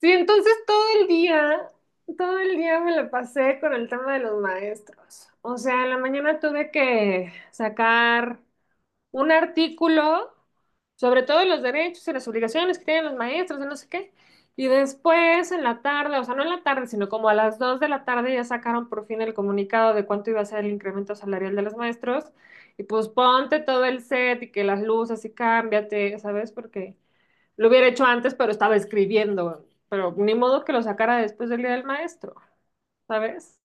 Sí, entonces todo el día me la pasé con el tema de los maestros. O sea, en la mañana tuve que sacar un artículo sobre todo los derechos y las obligaciones que tienen los maestros, y no sé qué. Y después en la tarde, o sea, no en la tarde, sino como a las 2 de la tarde ya sacaron por fin el comunicado de cuánto iba a ser el incremento salarial de los maestros. Y pues ponte todo el set y que las luces y cámbiate, ¿sabes? Porque lo hubiera hecho antes, pero estaba escribiendo, pero ni modo que lo sacara después del día del maestro, ¿sabes?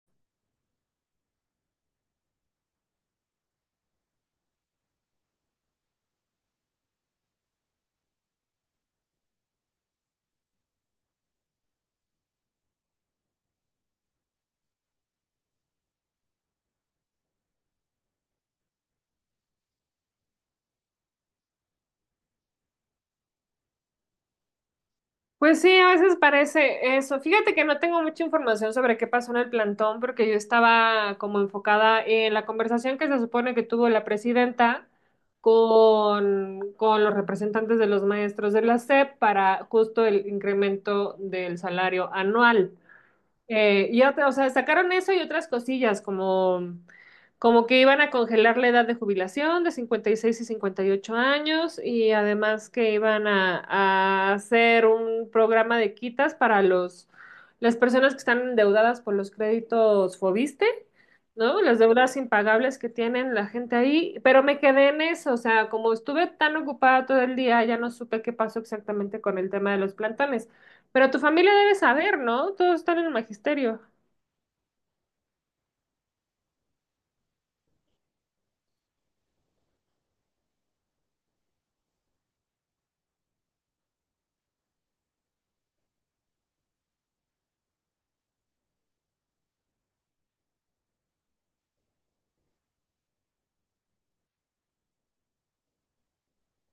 Pues sí, a veces parece eso. Fíjate que no tengo mucha información sobre qué pasó en el plantón porque yo estaba como enfocada en la conversación que se supone que tuvo la presidenta con los representantes de los maestros de la SEP para justo el incremento del salario anual. Y otra, o sea, sacaron eso y otras cosillas, como, como que iban a congelar la edad de jubilación de 56 y 58 años, y además que iban a hacer un programa de quitas para las personas que están endeudadas por los créditos Fobiste, ¿no? Las deudas impagables que tienen la gente ahí, pero me quedé en eso, o sea, como estuve tan ocupada todo el día, ya no supe qué pasó exactamente con el tema de los plantones. Pero tu familia debe saber, ¿no? Todos están en el magisterio.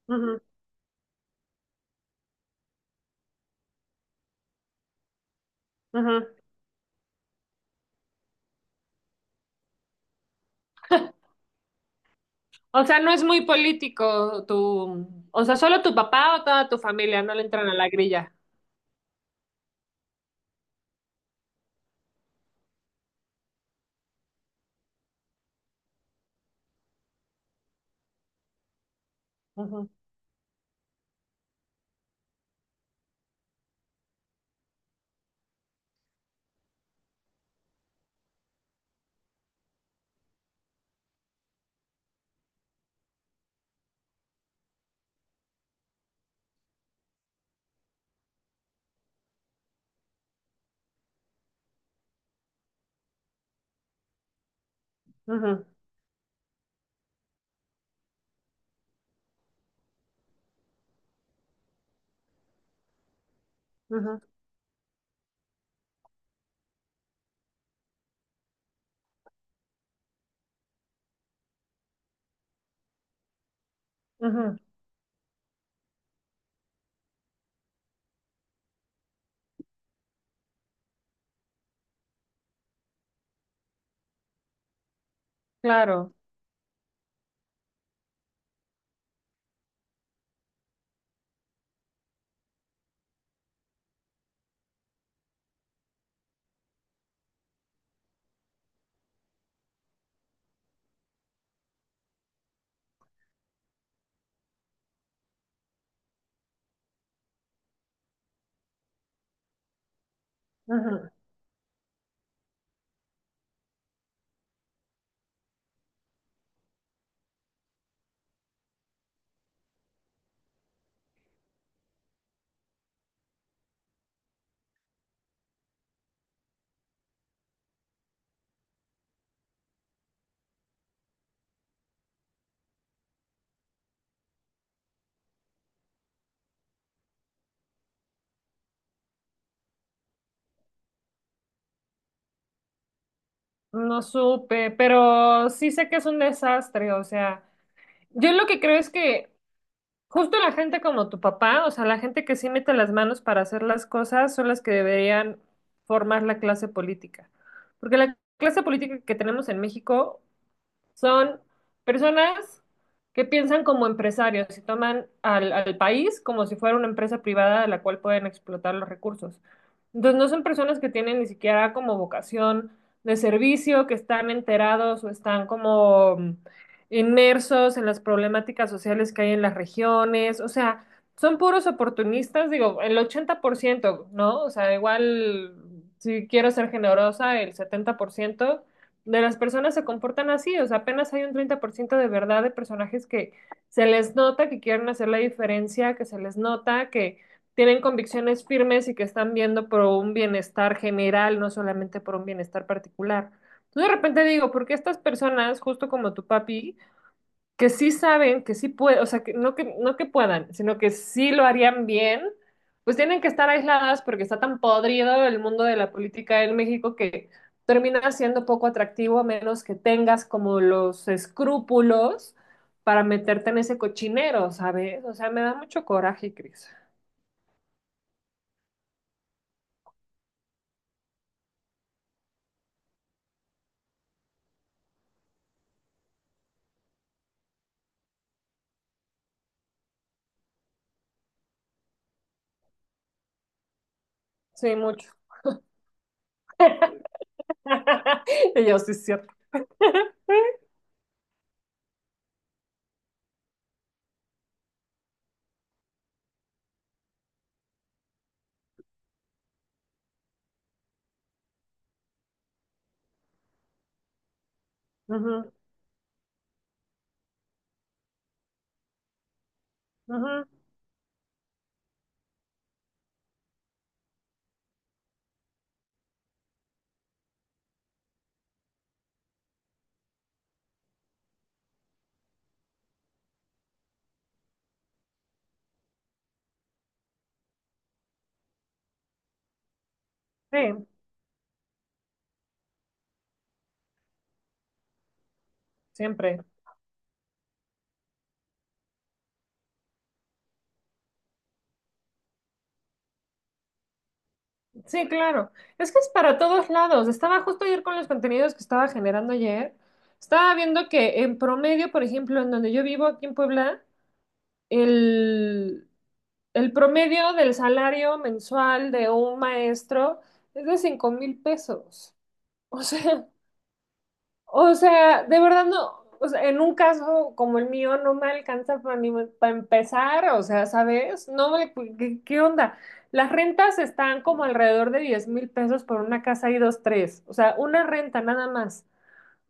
Ujú, ujú. O sea, no es muy político tu... O sea, solo tu papá o toda tu familia no le entran a la grilla. Ujú, ujú, ujú, ujú. Claro. Ujú. No supe, pero sí sé que es un desastre. O sea, yo lo que creo es que justo la gente como tu papá, o sea, la gente que sí mete las manos para hacer las cosas, son las que deberían formar la clase política. Porque la clase política que tenemos en México son personas que piensan como empresarios y toman al país como si fuera una empresa privada de la cual pueden explotar los recursos. Entonces no son personas que tienen ni siquiera como vocación de servicio, que están enterados o están como inmersos en las problemáticas sociales que hay en las regiones. O sea, son puros oportunistas, digo, el 80%, ¿no? O sea, igual si quiero ser generosa, el 70% de las personas se comportan así, o sea, apenas hay un 30% de verdad de personajes que se les nota que quieren hacer la diferencia, que se les nota que tienen convicciones firmes y que están viendo por un bienestar general, no solamente por un bienestar particular. Entonces de repente digo, ¿por qué estas personas, justo como tu papi, que sí saben, que sí pueden, o sea, que no que, no que puedan, sino que sí lo harían bien, pues tienen que estar aisladas porque está tan podrido el mundo de la política en México que termina siendo poco atractivo a menos que tengas como los escrúpulos para meterte en ese cochinero, ¿sabes? O sea, me da mucho coraje, Cris. Sí, mucho. Y yo sí es cierto. Ujú, ujú. Sí, siempre. Sí, claro. Es que es para todos lados. Estaba justo ayer con los contenidos que estaba generando ayer. Estaba viendo que en promedio, por ejemplo, en donde yo vivo aquí en Puebla, el, el promedio del salario mensual de un maestro es de 5,000 pesos. O sea, o sea, de verdad no, o sea, en un caso como el mío no me alcanza para ni para empezar, o sea, ¿sabes? No me, ¿qué onda? Las rentas están como alrededor de 10,000 pesos por una casa y dos, tres, o sea, una renta nada más.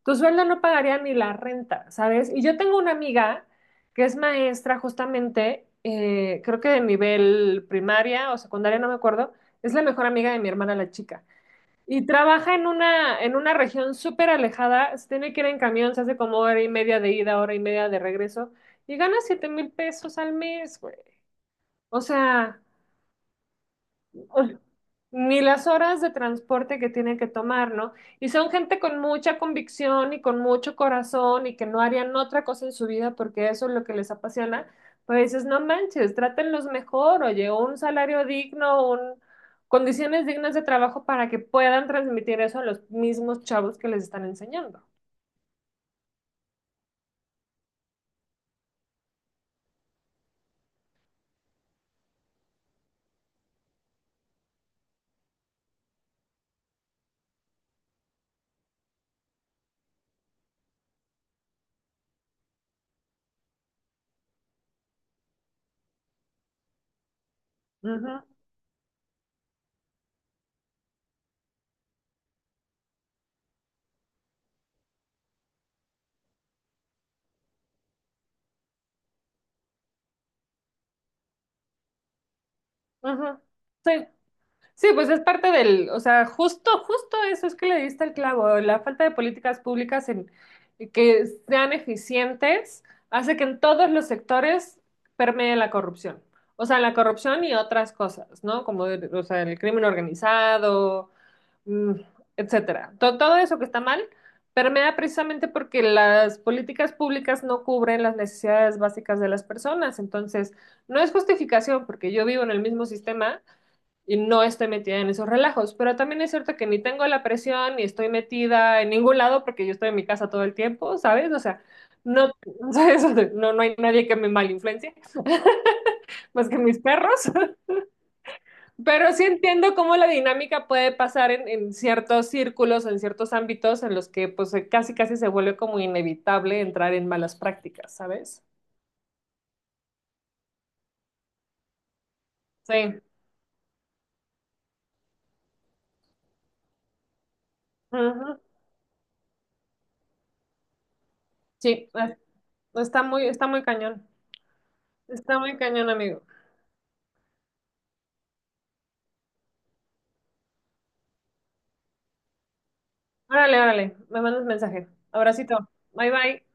Tu sueldo no pagaría ni la renta, ¿sabes? Y yo tengo una amiga que es maestra justamente, creo que de nivel primaria o secundaria, no me acuerdo, es la mejor amiga de mi hermana la chica. Y trabaja en una región súper alejada, se tiene que ir en camión, se hace como hora y media de ida, hora y media de regreso, y gana 7,000 pesos al mes, güey. O sea, ni las horas de transporte que tienen que tomar, ¿no? Y son gente con mucha convicción y con mucho corazón y que no harían otra cosa en su vida porque eso es lo que les apasiona, pues dices, no manches, trátenlos mejor, oye, un salario digno, un... condiciones dignas de trabajo para que puedan transmitir eso a los mismos chavos que les están enseñando. Ujú, ujú. Sí, sí, pues es parte del, o sea, justo eso es que le diste el clavo. La falta de políticas públicas en que sean eficientes hace que en todos los sectores permee la corrupción. O sea, la corrupción y otras cosas, ¿no? Como, o sea, el crimen organizado, mm, etcétera. Todo eso que está mal permea precisamente porque las políticas públicas no cubren las necesidades básicas de las personas. Entonces, no es justificación porque yo vivo en el mismo sistema y no esté metida en esos relajos. Pero también es cierto que ni tengo la presión ni estoy metida en ningún lado porque yo estoy en mi casa todo el tiempo, ¿sabes? O sea, no, ¿sabes? No, no hay nadie que me malinfluencie, más que mis perros. Pero sí entiendo cómo la dinámica puede pasar en ciertos círculos, en ciertos ámbitos en los que pues casi casi se vuelve como inevitable entrar en malas prácticas, ¿sabes? Sí. Ujú. Sí, está muy cañón. Está muy cañón, amigo. Órale, órale, me mandas mensaje. Abracito. Bye bye.